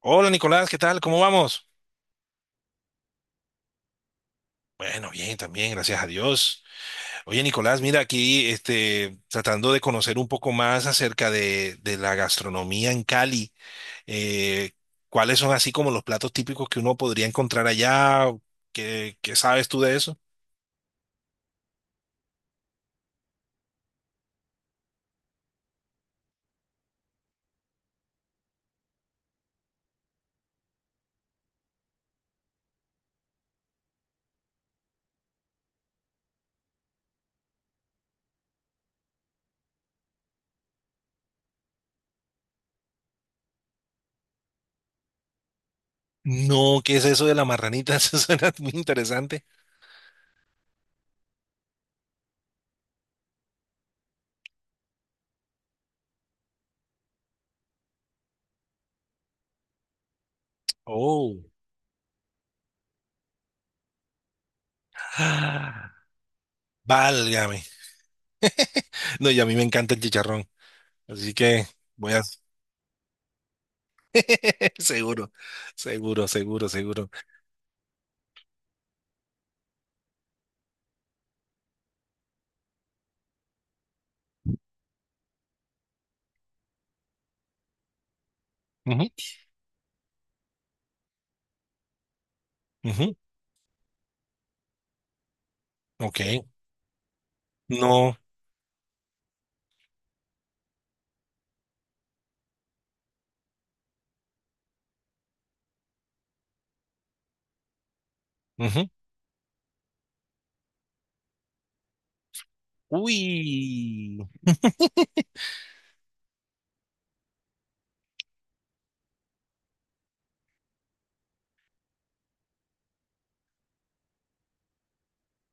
Hola Nicolás, ¿qué tal? ¿Cómo vamos? Bueno, bien, también, gracias a Dios. Oye Nicolás, mira aquí, tratando de conocer un poco más acerca de la gastronomía en Cali. Eh, ¿Cuáles son así como los platos típicos que uno podría encontrar allá? ¿Qué sabes tú de eso? No, ¿qué es eso de la marranita? Eso suena muy interesante. Oh. Ah, válgame. No, y a mí me encanta el chicharrón, así que voy a... seguro, seguro, seguro, seguro. Ujú, ok, no. Ujú. Uy,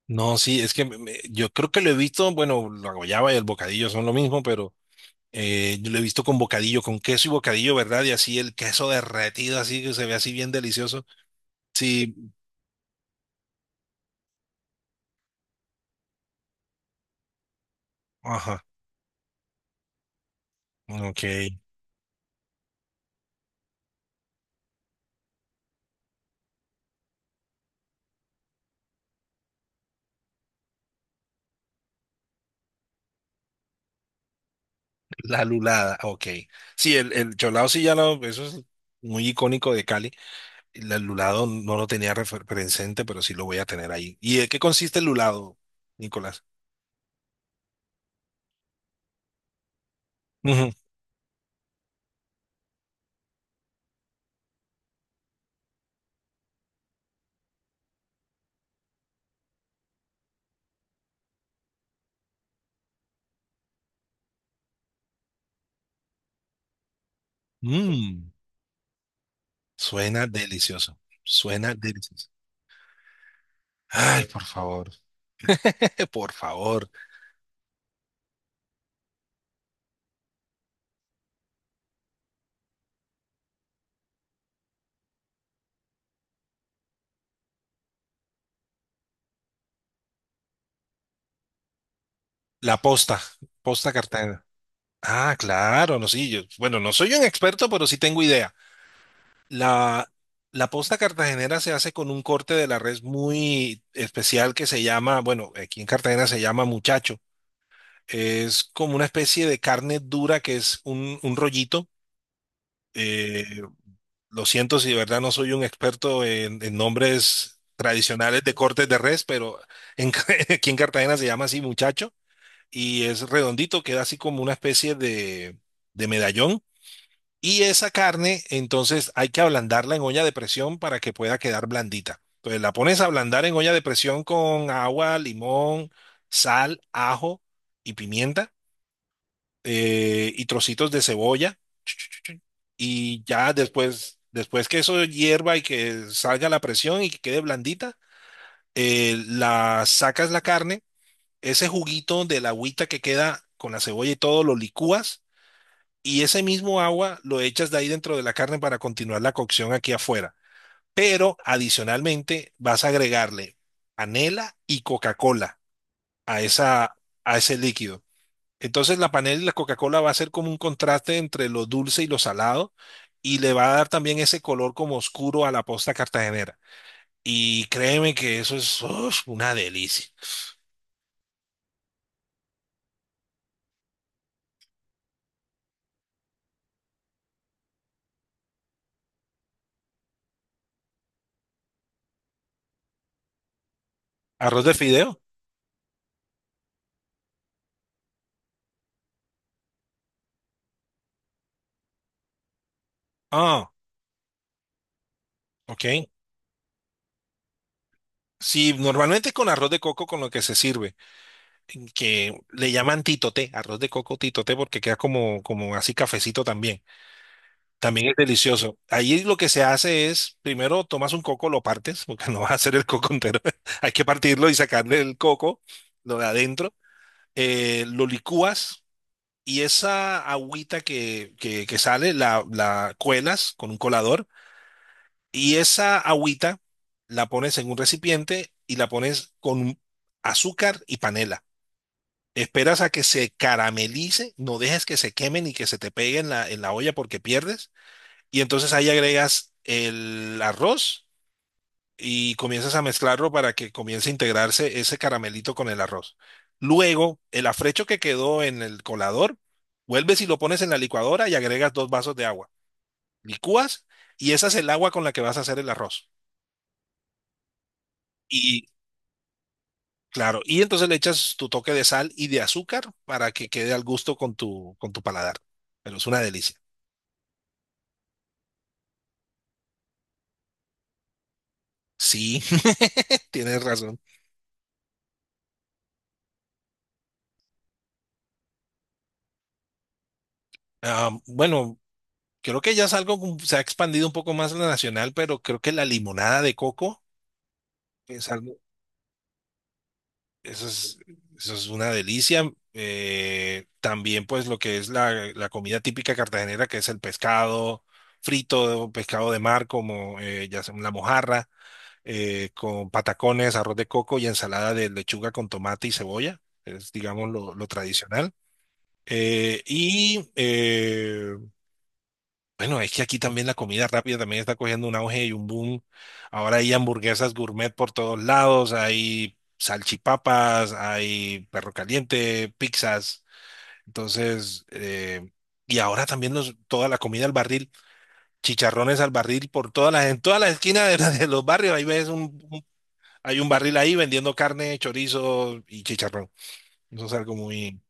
no, sí, es que yo creo que lo he visto, bueno, la guayaba y el bocadillo son lo mismo, pero yo lo he visto con bocadillo, con queso y bocadillo, ¿verdad? Y así el queso derretido, así que se ve así bien delicioso. Sí, ajá, ok. La lulada, ok. Sí, el cholao sí ya lo, eso es muy icónico de Cali. El lulado no lo tenía presente, pero sí lo voy a tener ahí. ¿Y de qué consiste el lulado, Nicolás? Ujú. Mm. Suena delicioso. Suena delicioso. Ay, por favor. Por favor. La posta. Posta Cartagena. Ah, claro, no, sí, yo, bueno, no soy un experto, pero sí tengo idea. La, la posta cartagenera se hace con un corte de la res muy especial que se llama, bueno, aquí en Cartagena se llama muchacho. Es como una especie de carne dura que es un rollito. Eh, Lo siento si de verdad no soy un experto en nombres tradicionales de cortes de res, pero en aquí en Cartagena se llama así muchacho y es redondito, queda así como una especie de medallón. Y esa carne, entonces hay que ablandarla en olla de presión para que pueda quedar blandita. Entonces la pones a ablandar en olla de presión con agua, limón, sal, ajo y pimienta y trocitos de cebolla y ya después, después que eso hierva y que salga la presión y que quede blandita, la sacas la carne, ese juguito de la agüita que queda con la cebolla y todo lo licúas y ese mismo agua lo echas de ahí dentro de la carne para continuar la cocción aquí afuera. Pero adicionalmente vas a agregarle panela y Coca-Cola a esa, a ese líquido. Entonces la panela y la Coca-Cola va a ser como un contraste entre lo dulce y lo salado y le va a dar también ese color como oscuro a la posta cartagenera. Y créeme que eso es uf, una delicia. Arroz de fideo. Ah, ok. Sí, normalmente con arroz de coco con lo que se sirve, que le llaman titoté, arroz de coco titoté porque queda como, como así cafecito también. También es delicioso. Ahí lo que se hace es, primero tomas un coco, lo partes, porque no vas a hacer el coco entero. Hay que partirlo y sacarle el coco, lo de adentro. Lo licúas y esa agüita que sale la cuelas con un colador y esa agüita la pones en un recipiente y la pones con azúcar y panela. Esperas a que se caramelice, no dejes que se queme ni que se te pegue en la olla porque pierdes, y entonces ahí agregas el arroz y comienzas a mezclarlo para que comience a integrarse ese caramelito con el arroz. Luego, el afrecho que quedó en el colador, vuelves y lo pones en la licuadora y agregas dos vasos de agua. Licúas y esa es el agua con la que vas a hacer el arroz. Y claro, y entonces le echas tu toque de sal y de azúcar para que quede al gusto con tu paladar. Pero es una delicia. Sí, tienes razón. Ah, bueno, creo que ya es algo, se ha expandido un poco más lo nacional, pero creo que la limonada de coco es algo, eso es, eso es una delicia. También pues lo que es la comida típica cartagenera, que es el pescado frito, pescado de mar, como ya sea la mojarra, con patacones, arroz de coco y ensalada de lechuga con tomate y cebolla. Es, digamos, lo tradicional. Y bueno, es que aquí también la comida rápida también está cogiendo un auge y un boom. Ahora hay hamburguesas gourmet por todos lados, hay salchipapas, hay perro caliente, pizzas. Entonces, y ahora también los, toda la comida al barril, chicharrones al barril por todas las, en todas las esquinas de, de los barrios. Ahí ves. Hay un barril ahí vendiendo carne, chorizo y chicharrón. Eso es algo muy...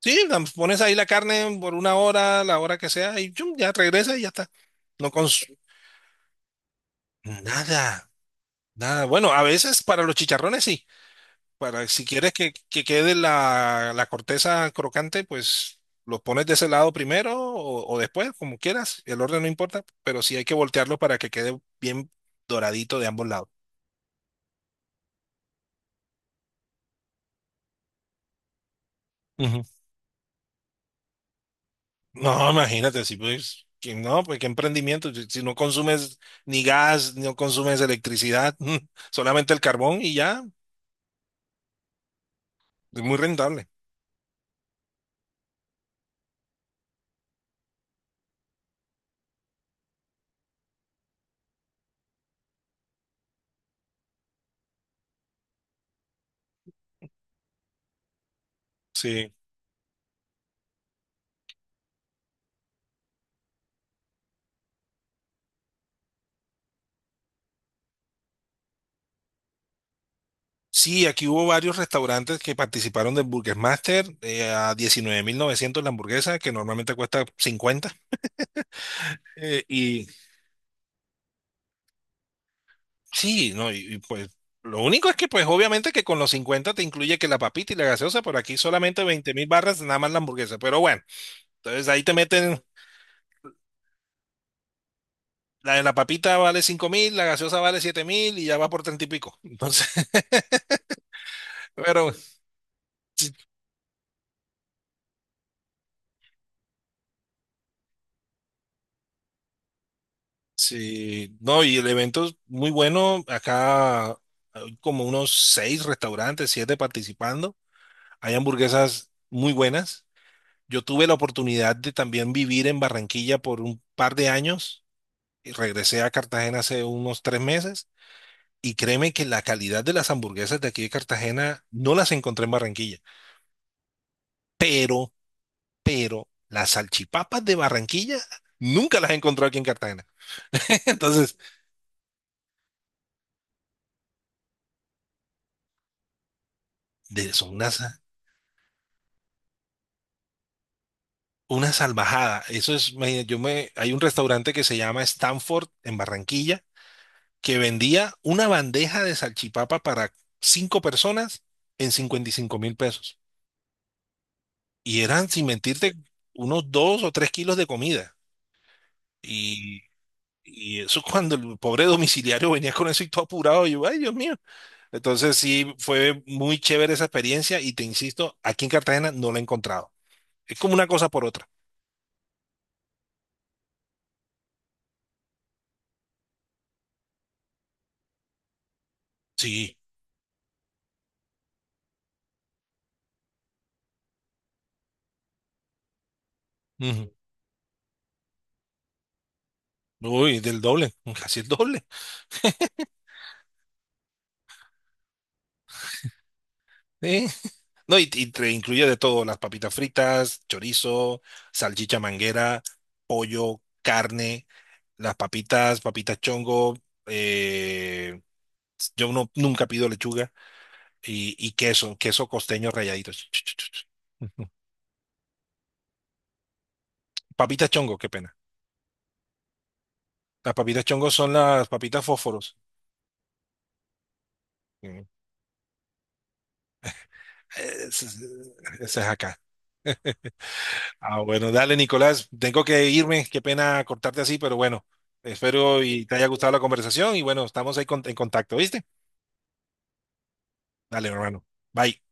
Sí, pones ahí la carne por 1 hora, la hora que sea, y chum, ya regresa y ya está. No, nada, nada. Bueno, a veces para los chicharrones sí. Para si quieres que quede la corteza crocante, pues los pones de ese lado primero o después, como quieras. El orden no importa, pero sí hay que voltearlo para que quede bien doradito de ambos lados. Ujú. No, imagínate, si pues, que no, pues qué emprendimiento. Si no consumes ni gas, no consumes electricidad, solamente el carbón y ya, es muy rentable. Sí. Sí, aquí hubo varios restaurantes que participaron del Burger Master, a 19.900 la hamburguesa, que normalmente cuesta 50. Y sí, no, lo único es que pues obviamente que con los 50 te incluye que la papita y la gaseosa, por aquí solamente 20.000 barras nada más la hamburguesa. Pero bueno, entonces ahí te meten, la papita vale 5.000, la gaseosa vale 7.000 y ya va por 30 y pico. Entonces, pero sí, no, y el evento es muy bueno. Acá hay como unos seis restaurantes, siete participando. Hay hamburguesas muy buenas. Yo tuve la oportunidad de también vivir en Barranquilla por un par de años y regresé a Cartagena hace unos 3 meses. Y créeme que la calidad de las hamburguesas de aquí de Cartagena no las encontré en Barranquilla, pero, pero las salchipapas de Barranquilla nunca las he encontrado aquí en Cartagena. Entonces, son unas... Una salvajada. Eso es, me- yo me, hay un restaurante que se llama Stanford en Barranquilla que vendía una bandeja de salchipapa para cinco personas en 55.000 pesos. Y eran, sin mentirte, unos 2 o 3 kilos de comida. Y, y eso cuando el pobre domiciliario venía con eso y todo apurado, yo, ay, Dios mío. Entonces sí, fue muy chévere esa experiencia y te insisto, aquí en Cartagena no la he encontrado. Es como una cosa por otra. Sí. Ujú. Uy, del doble, casi el doble. Sí. No, y te incluye de todo, las papitas fritas, chorizo, salchicha manguera, pollo, carne, las papitas, papitas chongo, eh, yo no, nunca pido lechuga y queso, queso costeño ralladito. Ch, ch, ch, ch. Ujú. Papitas chongo, qué pena. Las papitas chongo son las papitas fósforos. Mm. Eh, Ese ese- ese es acá. Ah, bueno, dale, Nicolás. Tengo que irme. Qué pena cortarte así, pero bueno, espero y te haya gustado la conversación y bueno, estamos ahí en contacto, ¿viste? Dale, hermano. Bye.